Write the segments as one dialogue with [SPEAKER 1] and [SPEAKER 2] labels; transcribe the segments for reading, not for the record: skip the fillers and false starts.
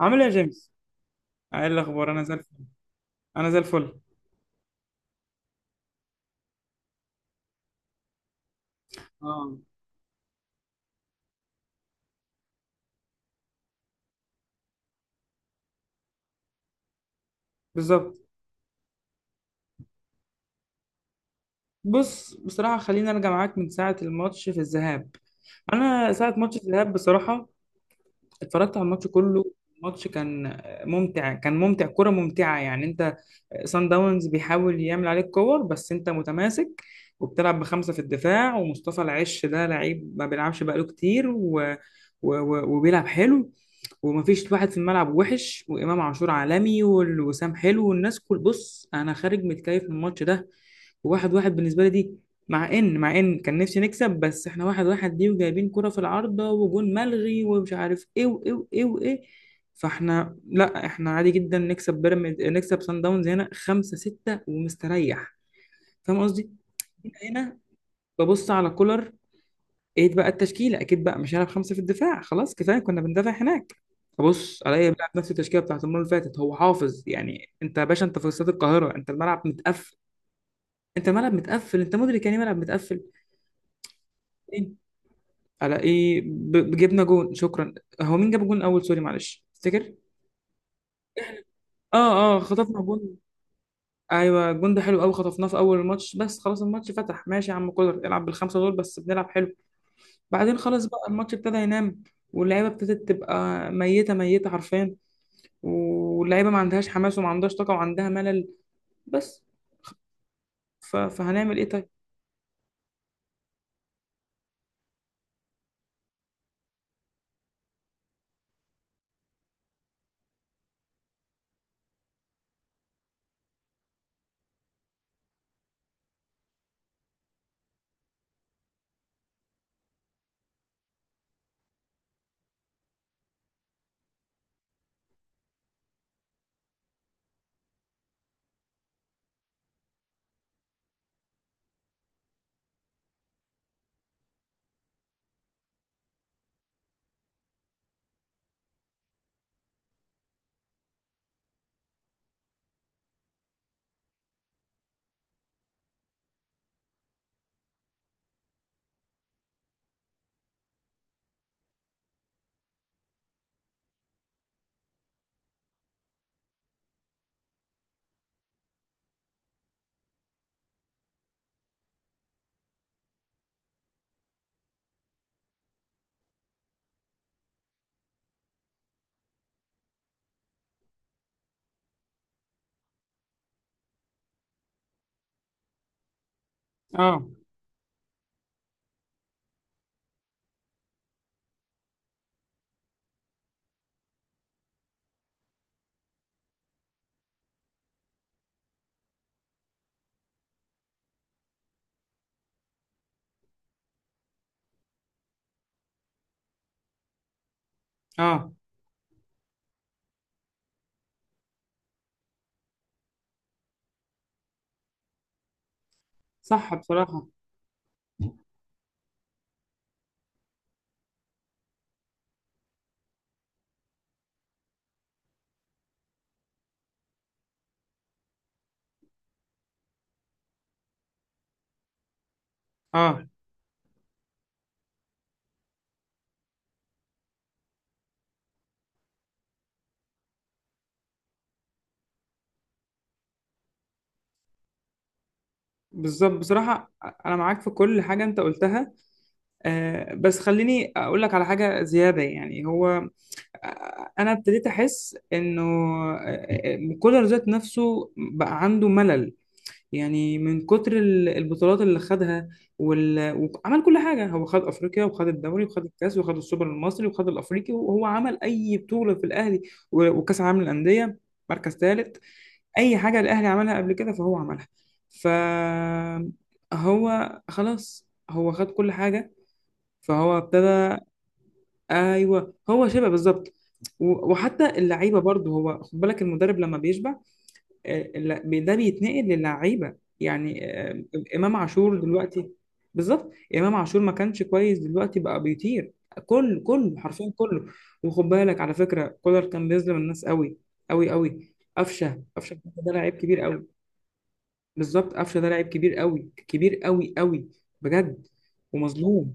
[SPEAKER 1] عامل ايه يا جيمس؟ ايه الاخبار؟ انا زي الفل. انا زي الفل. اه. بالظبط. بص، بصراحه خليني ارجع معاك من ساعه الماتش في الذهاب. انا ساعه ماتش الذهاب بصراحه اتفرجت على الماتش كله. الماتش كان ممتع، كره ممتعه يعني. انت سان داونز بيحاول يعمل عليك كور، بس انت متماسك وبتلعب بخمسة في الدفاع. ومصطفى العش ده لعيب ما بيلعبش بقاله كتير وبيلعب حلو. ومفيش واحد في الملعب وحش، وامام عاشور عالمي، والوسام حلو، والناس كل. بص، انا خارج متكيف من الماتش ده. وواحد واحد بالنسبة لي دي. مع ان كان نفسي نكسب، بس احنا واحد واحد دي وجايبين كرة في العارضة وجون ملغي ومش عارف ايه وايه وايه وايه. فاحنا لا، احنا عادي جدا نكسب بيراميدز، نكسب سان داونز هنا خمسة ستة ومستريح. فاهم قصدي؟ هنا هنا ببص على كولر. ايه بقى التشكيلة؟ اكيد بقى مش هيلعب خمسة في الدفاع، خلاص كفايه كنا بندافع هناك. بص الاقي بيلعب نفس التشكيله بتاعت المره اللي فاتت. هو حافظ يعني. انت يا باشا انت في استاد القاهره، انت الملعب متقفل. انت الملعب متقفل، انت مدرك يعني إيه ملعب متقفل. الاقيه جبنا جون. شكرا. هو مين جاب الجون الاول؟ سوري معلش، تفتكر؟ اه، اه، خطفنا جون. ايوه الجون ده حلو قوي، خطفناه في اول الماتش. بس خلاص الماتش فتح. ماشي يا عم كولر، العب بالخمسه دول بس بنلعب حلو. بعدين خلاص بقى الماتش ابتدى ينام. واللعيبه ابتدت تبقى ميته ميته حرفيا. واللعيبه ما عندهاش حماس وما عندهاش طاقه وعندها ملل بس. فهنعمل ايه طيب؟ اه، اه، صح بصراحه. اه. بالظبط بصراحه، انا معاك في كل حاجه انت قلتها. بس خليني اقول لك على حاجه زياده. يعني هو، انا ابتديت احس انه، آه، كولر ذات نفسه بقى عنده ملل، يعني من كتر البطولات اللي خدها. وال... وعمل كل حاجه. هو خد افريقيا، وخد الدوري، وخد الكاس، وخد السوبر المصري، وخد الافريقي، وهو عمل اي بطوله في الاهلي، و- وكاس العالم للانديه مركز ثالث. اي حاجه الاهلي عملها قبل كده فهو عملها. ف هو خلاص، هو خد كل حاجه، فهو ابتدى. ايوه هو شبه بالظبط. و- وحتى اللعيبه برضه، هو خد بالك المدرب لما بيشبع، ده بيتنقل للعيبه يعني. امام عاشور دلوقتي. بالظبط، امام عاشور ما كانش كويس، دلوقتي بقى بيطير. كله كله حرفيا كله. وخد بالك على فكره، كولر كان بيظلم الناس قوي قوي قوي. قفشه، قفشه ده لعيب كبير قوي. بالظبط، قفشه ده لاعب كبير قوي، كبير قوي قوي، بجد. ومظلوم.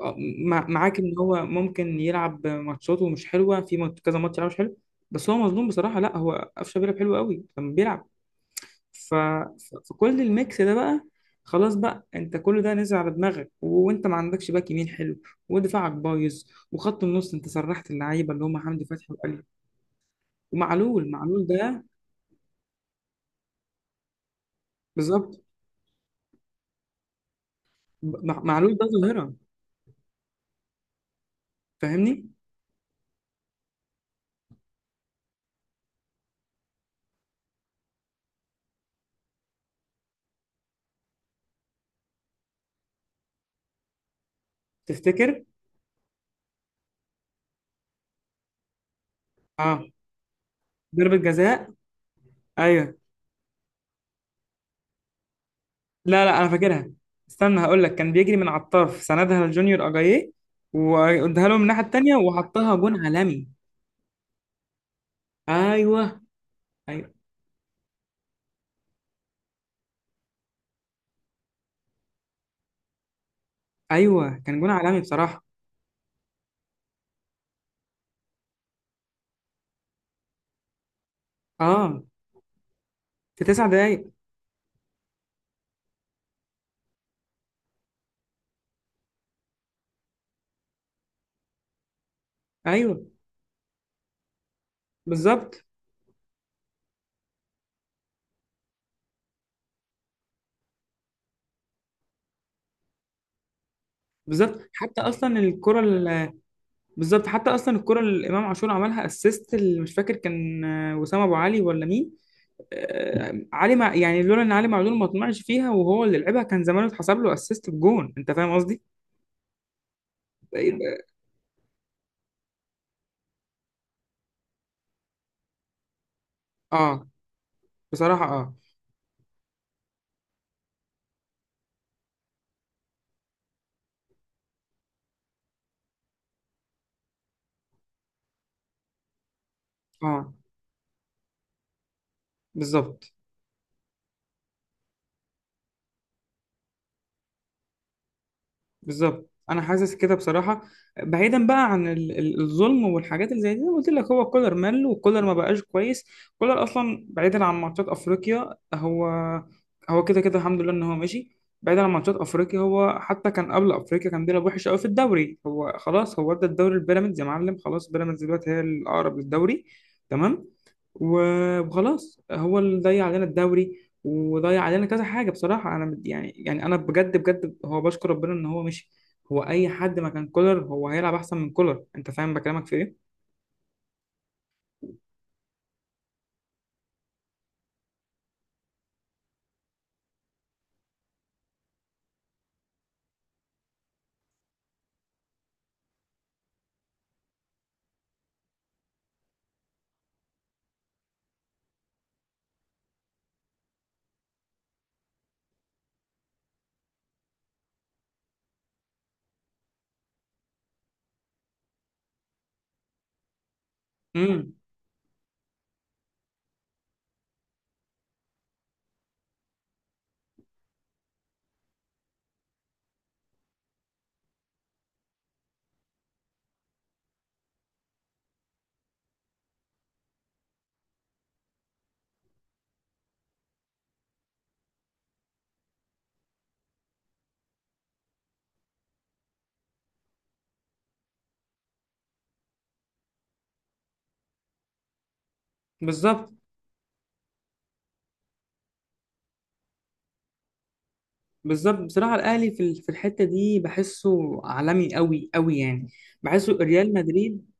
[SPEAKER 1] آه، معاك ان هو ممكن يلعب ماتشاته مش حلوه، في كذا ماتش يلعب مش حلو، بس هو مظلوم بصراحه. لا هو قفشه بيلعب حلو قوي لما بيلعب. ف... ف- فكل الميكس ده بقى خلاص بقى، انت كل ده نزل على دماغك، وانت ما عندكش باك يمين حلو، ودفاعك بايظ، وخط النص انت سرحت اللعيبه اللي هم حمدي فتحي وقلي. ومعلول، معلول ده، بالظبط. معلول ده ظاهره. فاهمني؟ تفتكر؟ اه، ضربة جزاء. ايوه. لا لا، انا فاكرها. استنى هقول لك. كان بيجري من على الطرف، سندها لجونيور اجاييه، واداها له من الناحية التانية، وحطها جون عالمي. ايوه. ايوه. ايوه كان جون عالمي بصراحة. اه، في تسع دقايق. ايوه، بالظبط. بالظبط، حتى اصلا الكرة بالظبط، حتى اصلا الكرة اللي امام عاشور عملها اسيست، اللي مش فاكر كان وسام ابو علي ولا مين. آه، علي مع يعني لولا ان علي معلول ما طمعش فيها وهو اللي لعبها، كان زمانه اتحسب له اسيست بجون. انت فاهم قصدي؟ اه، بصراحة. اه، اه، بالظبط. بالظبط، انا حاسس كده بصراحة. بعيدا بقى عن الظلم والحاجات اللي زي دي، أنا قلت لك هو كولر مل، وكولر ما بقاش كويس. كولر اصلا بعيدا عن ماتشات افريقيا، هو كده كده الحمد لله ان هو ماشي. بعيدا عن ماتشات افريقيا، هو حتى كان قبل افريقيا كان بيلعب وحش قوي في الدوري. هو خلاص، هو ادى الدوري لبيراميدز يا معلم. خلاص بيراميدز دلوقتي هي الاقرب للدوري، تمام. و- وخلاص هو اللي ضيع علينا الدوري، وضيع علينا كذا حاجة بصراحة. أنا يعني أنا بجد بجد، هو بشكر ربنا إن هو مشي. هو أي حد ما كان كولر، هو هيلعب أحسن من كولر. أنت فاهم بكلامك في إيه؟ امم. بالظبط. بالظبط بصراحة، الأهلي في في الحتة دي بحسه عالمي قوي قوي يعني. بحسه ريال مدريد.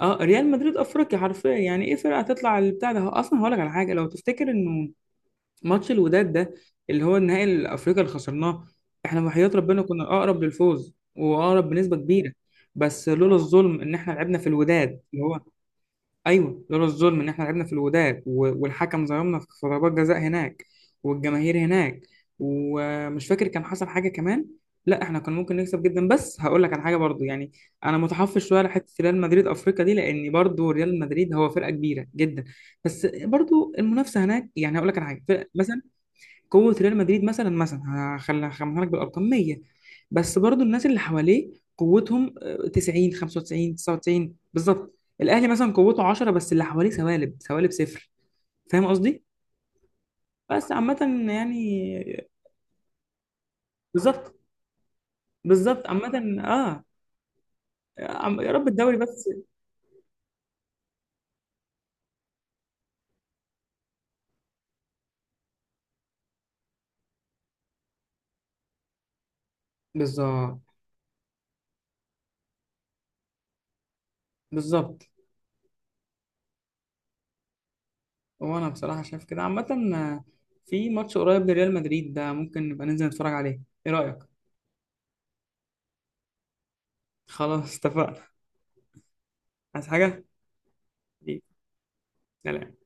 [SPEAKER 1] اه ريال مدريد افريقيا حرفيا، يعني ايه فرقه؟ هتطلع البتاع ده. هو اصلا هقول لك على حاجه، لو تفتكر انه ماتش الوداد ده، اللي هو النهائي الافريقي اللي خسرناه، احنا وحياة ربنا كنا اقرب للفوز واقرب بنسبه كبيره. بس لولا الظلم ان احنا لعبنا في الوداد اللي هو، ايوه لولا الظلم ان احنا لعبنا في الوداد و- والحكم ظلمنا في ضربات جزاء هناك، والجماهير هناك، ومش فاكر كان حصل حاجه كمان. لا احنا كان ممكن نكسب جدا. بس هقول لك على حاجه برضو يعني، انا متحفظ شويه على حته ريال مدريد افريقيا دي، لان برضو ريال مدريد هو فرقه كبيره جدا. بس برضو المنافسه هناك، يعني هقول لك على حاجه، مثلا قوة ريال مدريد مثلا هخمنها لك بالأرقام 100. بس برضو الناس اللي حواليه قوتهم 90، 95، 99 بالظبط. الأهلي مثلا قوته 10، بس اللي حواليه سوالب سوالب صفر. فاهم قصدي؟ بس عامة يعني. بالظبط. بالظبط عامة، اه. يا رب الدوري بس. بالظبط. بالظبط، وأنا بصراحة شايف كده عامة. آه، في ماتش قريب لريال مدريد ده ممكن نبقى ننزل نتفرج عليه. ايه رأيك؟ خلاص اتفقنا. عايز حاجة؟ حبيبي. سلام.